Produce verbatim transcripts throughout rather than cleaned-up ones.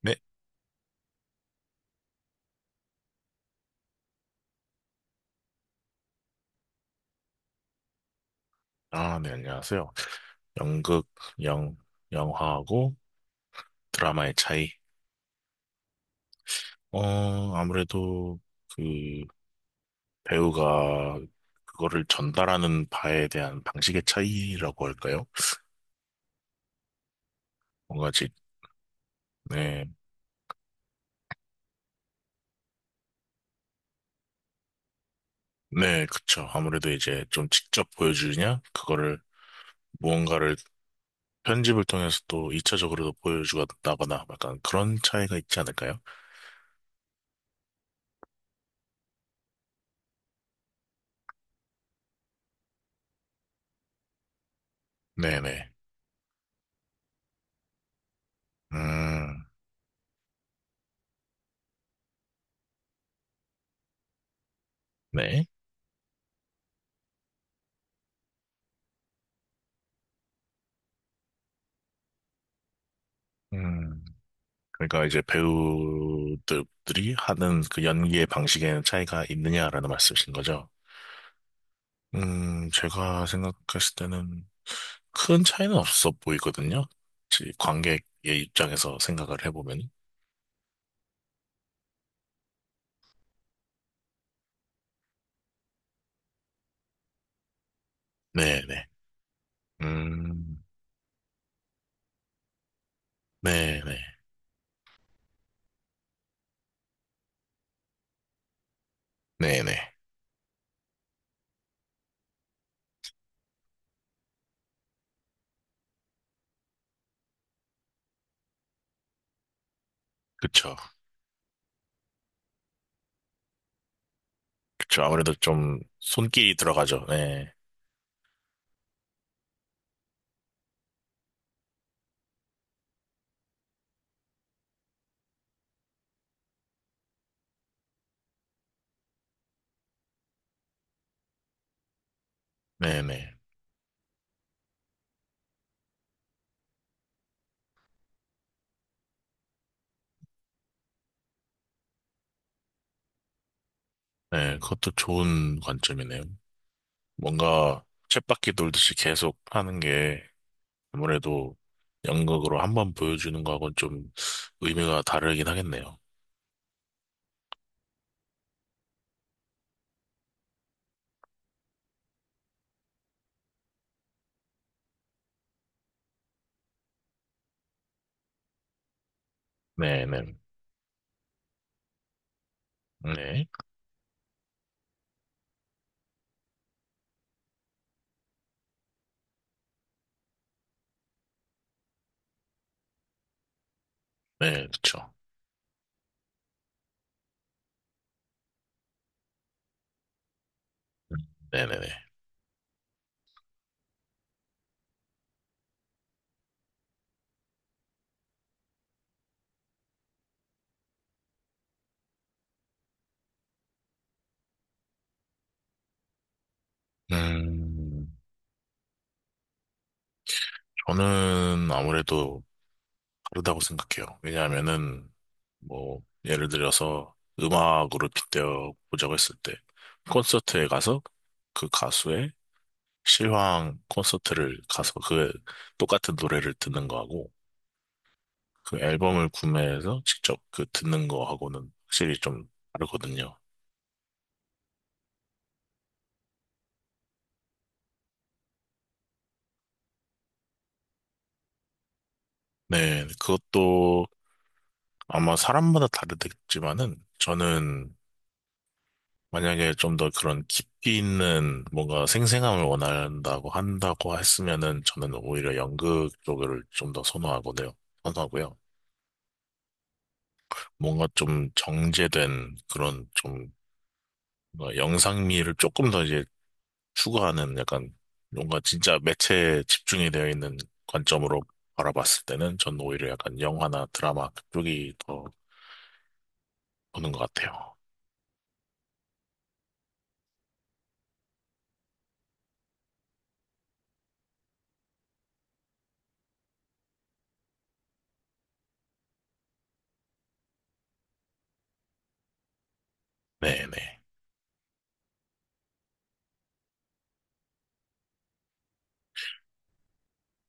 네. 아, 네, 안녕하세요. 연극, 영, 영화하고 드라마의 차이. 어, 아무래도 그 배우가 그거를 전달하는 바에 대한 방식의 차이라고 할까요? 뭔가 지, 네, 네, 그쵸. 아무래도 이제 좀 직접 보여주느냐, 그거를 무언가를 편집을 통해서 또 이 차적으로도 보여주다거나 약간 그런 차이가 있지 않을까요? 네네. 음, 네. 음. 그러니까 이제 배우들이 하는 그 연기의 방식에는 차이가 있느냐라는 말씀이신 거죠. 음, 제가 생각했을 때는 큰 차이는 없어 보이거든요. 지- 관객의 입장에서 생각을 해보면. 네네. 음, 네네. 네네. 그쵸. 그쵸. 아무래도 좀 손길이 들어가죠. 네. 네네. 네. 그것도 좋은 관점이네요. 뭔가 쳇바퀴 돌듯이 계속 하는 게 아무래도 연극으로 한 번 보여주는 거하고는 좀 의미가 다르긴 하겠네요. 네네. 네. 네, 그쵸. 네네네. 음, 저는 아무래도 다르다고 생각해요. 왜냐하면은, 뭐, 예를 들어서 음악으로 빗대어 보자고 했을 때, 콘서트에 가서 그 가수의 실황 콘서트를 가서 그 똑같은 노래를 듣는 거하고, 그 앨범을 구매해서 직접 그 듣는 거하고는 확실히 좀 다르거든요. 네, 그것도 아마 사람마다 다르겠지만은 저는 만약에 좀 더 그런 깊이 있는 뭔가 생생함을 원한다고 한다고 했으면은 저는 오히려 연극 쪽을 좀 더 선호하거든요. 선호하고요. 뭔가 좀 정제된 그런 좀 뭔가 영상미를 조금 더 이제 추구하는 약간 뭔가 진짜 매체에 집중이 되어 있는 관점으로 바라봤을 때는 전 오히려 약간 영화나 드라마 그쪽이 더 보는 것 같아요. 네네.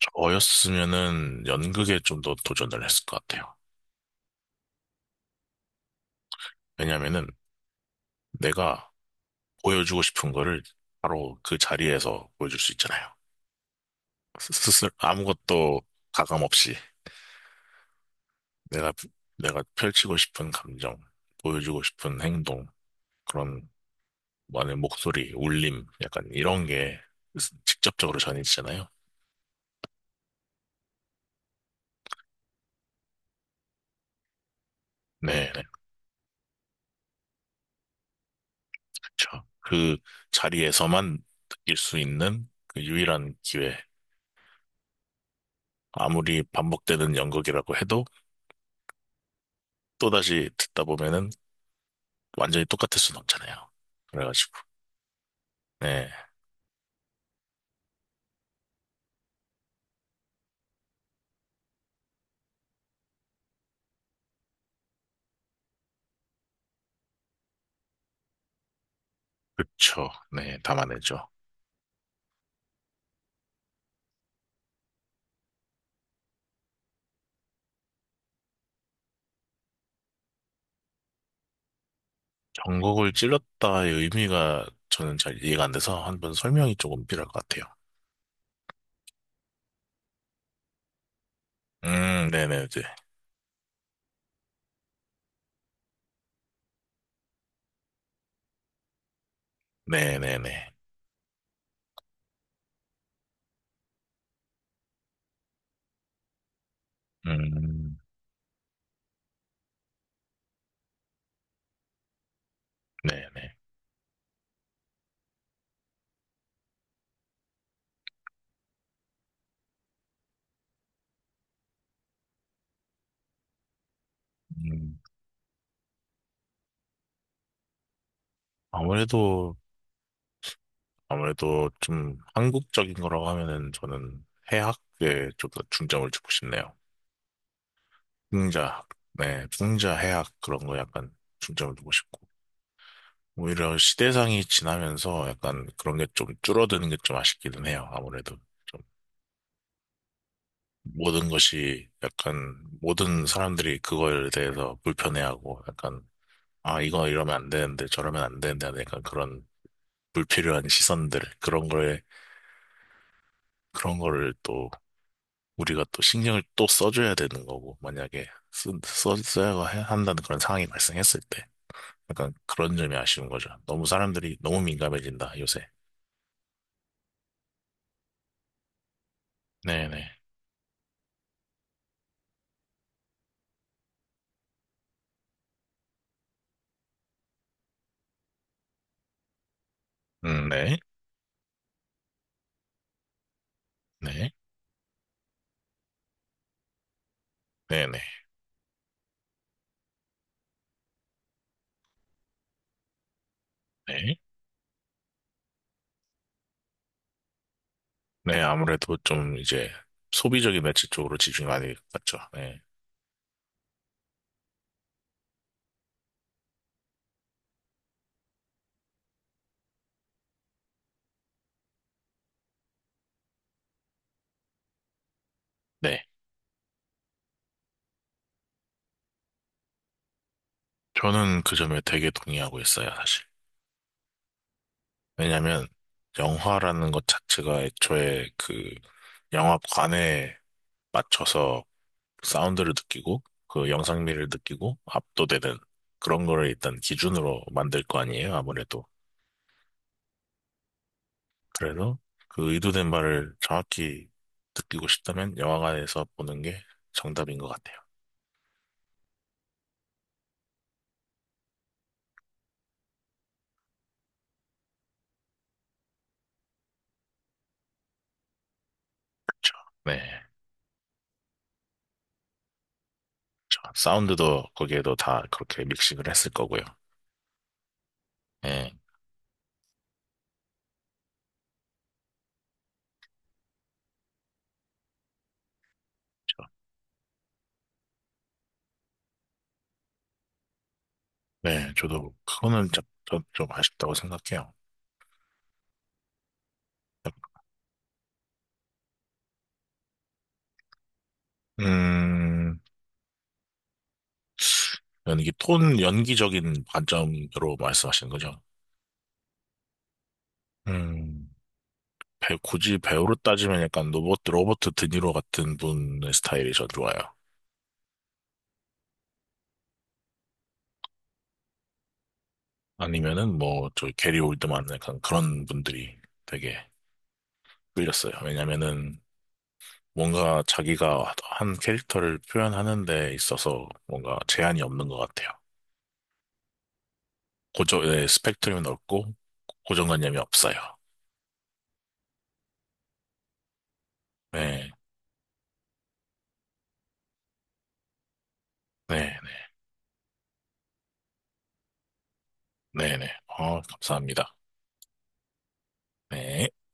저였으면은 연극에 좀 더 도전을 했을 것 같아요. 왜냐면은 내가 보여주고 싶은 거를 바로 그 자리에서 보여줄 수 있잖아요. 스- 스스로 아무것도 가감 없이 내가, 내가 펼치고 싶은 감정, 보여주고 싶은 행동, 그런 많은 목소리, 울림, 약간 이런 게 직접적으로 전해지잖아요. 네, 네, 그렇죠. 그 자리에서만 느낄 수 있는 그 유일한 기회. 아무리 반복되는 연극이라고 해도 또다시 듣다 보면은 완전히 똑같을 순 없잖아요. 그래가지고, 네, 그쵸. 네, 담아내죠. 전곡을 찔렀다의 의미가 저는 잘 이해가 안 돼서 한번 설명이 조금 필요할 것 같아요. 음, 네네, 이제. 네네네. 음, 네네. 아무래도, 아무래도 좀 한국적인 거라고 하면은 저는 해학에 좀 더 중점을 주고 싶네요. 풍자, 네, 풍자 해학 그런 거 약간 중점을 두고 싶고. 오히려 시대상이 지나면서 약간 그런 게 좀 줄어드는 게 좀 아쉽기는 해요. 아무래도 좀 모든 것이 약간 모든 사람들이 그거에 대해서 불편해하고 약간 아, 이거 이러면 안 되는데 저러면 안 되는데 하는 약간 그런 불필요한 시선들 그런 거에 그런 거를 또 우리가 또 신경을 또 써줘야 되는 거고, 만약에 쓰, 써, 써야 해- 한다는 그런 상황이 발생했을 때. 약간 그런 점이 아쉬운 거죠. 너무 사람들이 너무 민감해진다, 요새. 네네. 음, 네. 네. 네네. 네. 네, 아무래도 좀 이제 소비적인 매체 쪽으로 집중이 많이 갔죠. 네. 네. 저는 그 점에 되게 동의하고 있어요, 사실. 왜냐면, 영화라는 것 자체가 애초에 그 영화관에 맞춰서 사운드를 느끼고 그 영상미를 느끼고 압도되는 그런 거를 일단 기준으로 만들 거 아니에요, 아무래도. 그래서 그 의도된 바를 정확히 느끼고 싶다면 영화관에서 보는 게 정답인 것 같아요. 그렇죠. 네. 그쵸. 사운드도 거기에도 다 그렇게 믹싱을 했을 거고요. 네. 그쵸. 네, 저도 그거는 좀, 좀, 좀 아쉽다고 생각해요. 음, 연기, 톤, 연기적인 관점으로 말씀하시는 거죠? 음. 배- 굳이 배우로 따지면 약간 로버트, 로버트 드니로 같은 분의 스타일이 저 좋아요. 아니면은 뭐, 저 게리 올드만 약간 그런 분들이 되게 끌렸어요. 왜냐면은 뭔가 자기가 한 캐릭터를 표현하는 데 있어서 뭔가 제한이 없는 것 같아요. 고정, 네, 스펙트럼이 넓고 고정관념이 없어요. 네, 네, 네, 네, 네. 어, 감사합니다. 네.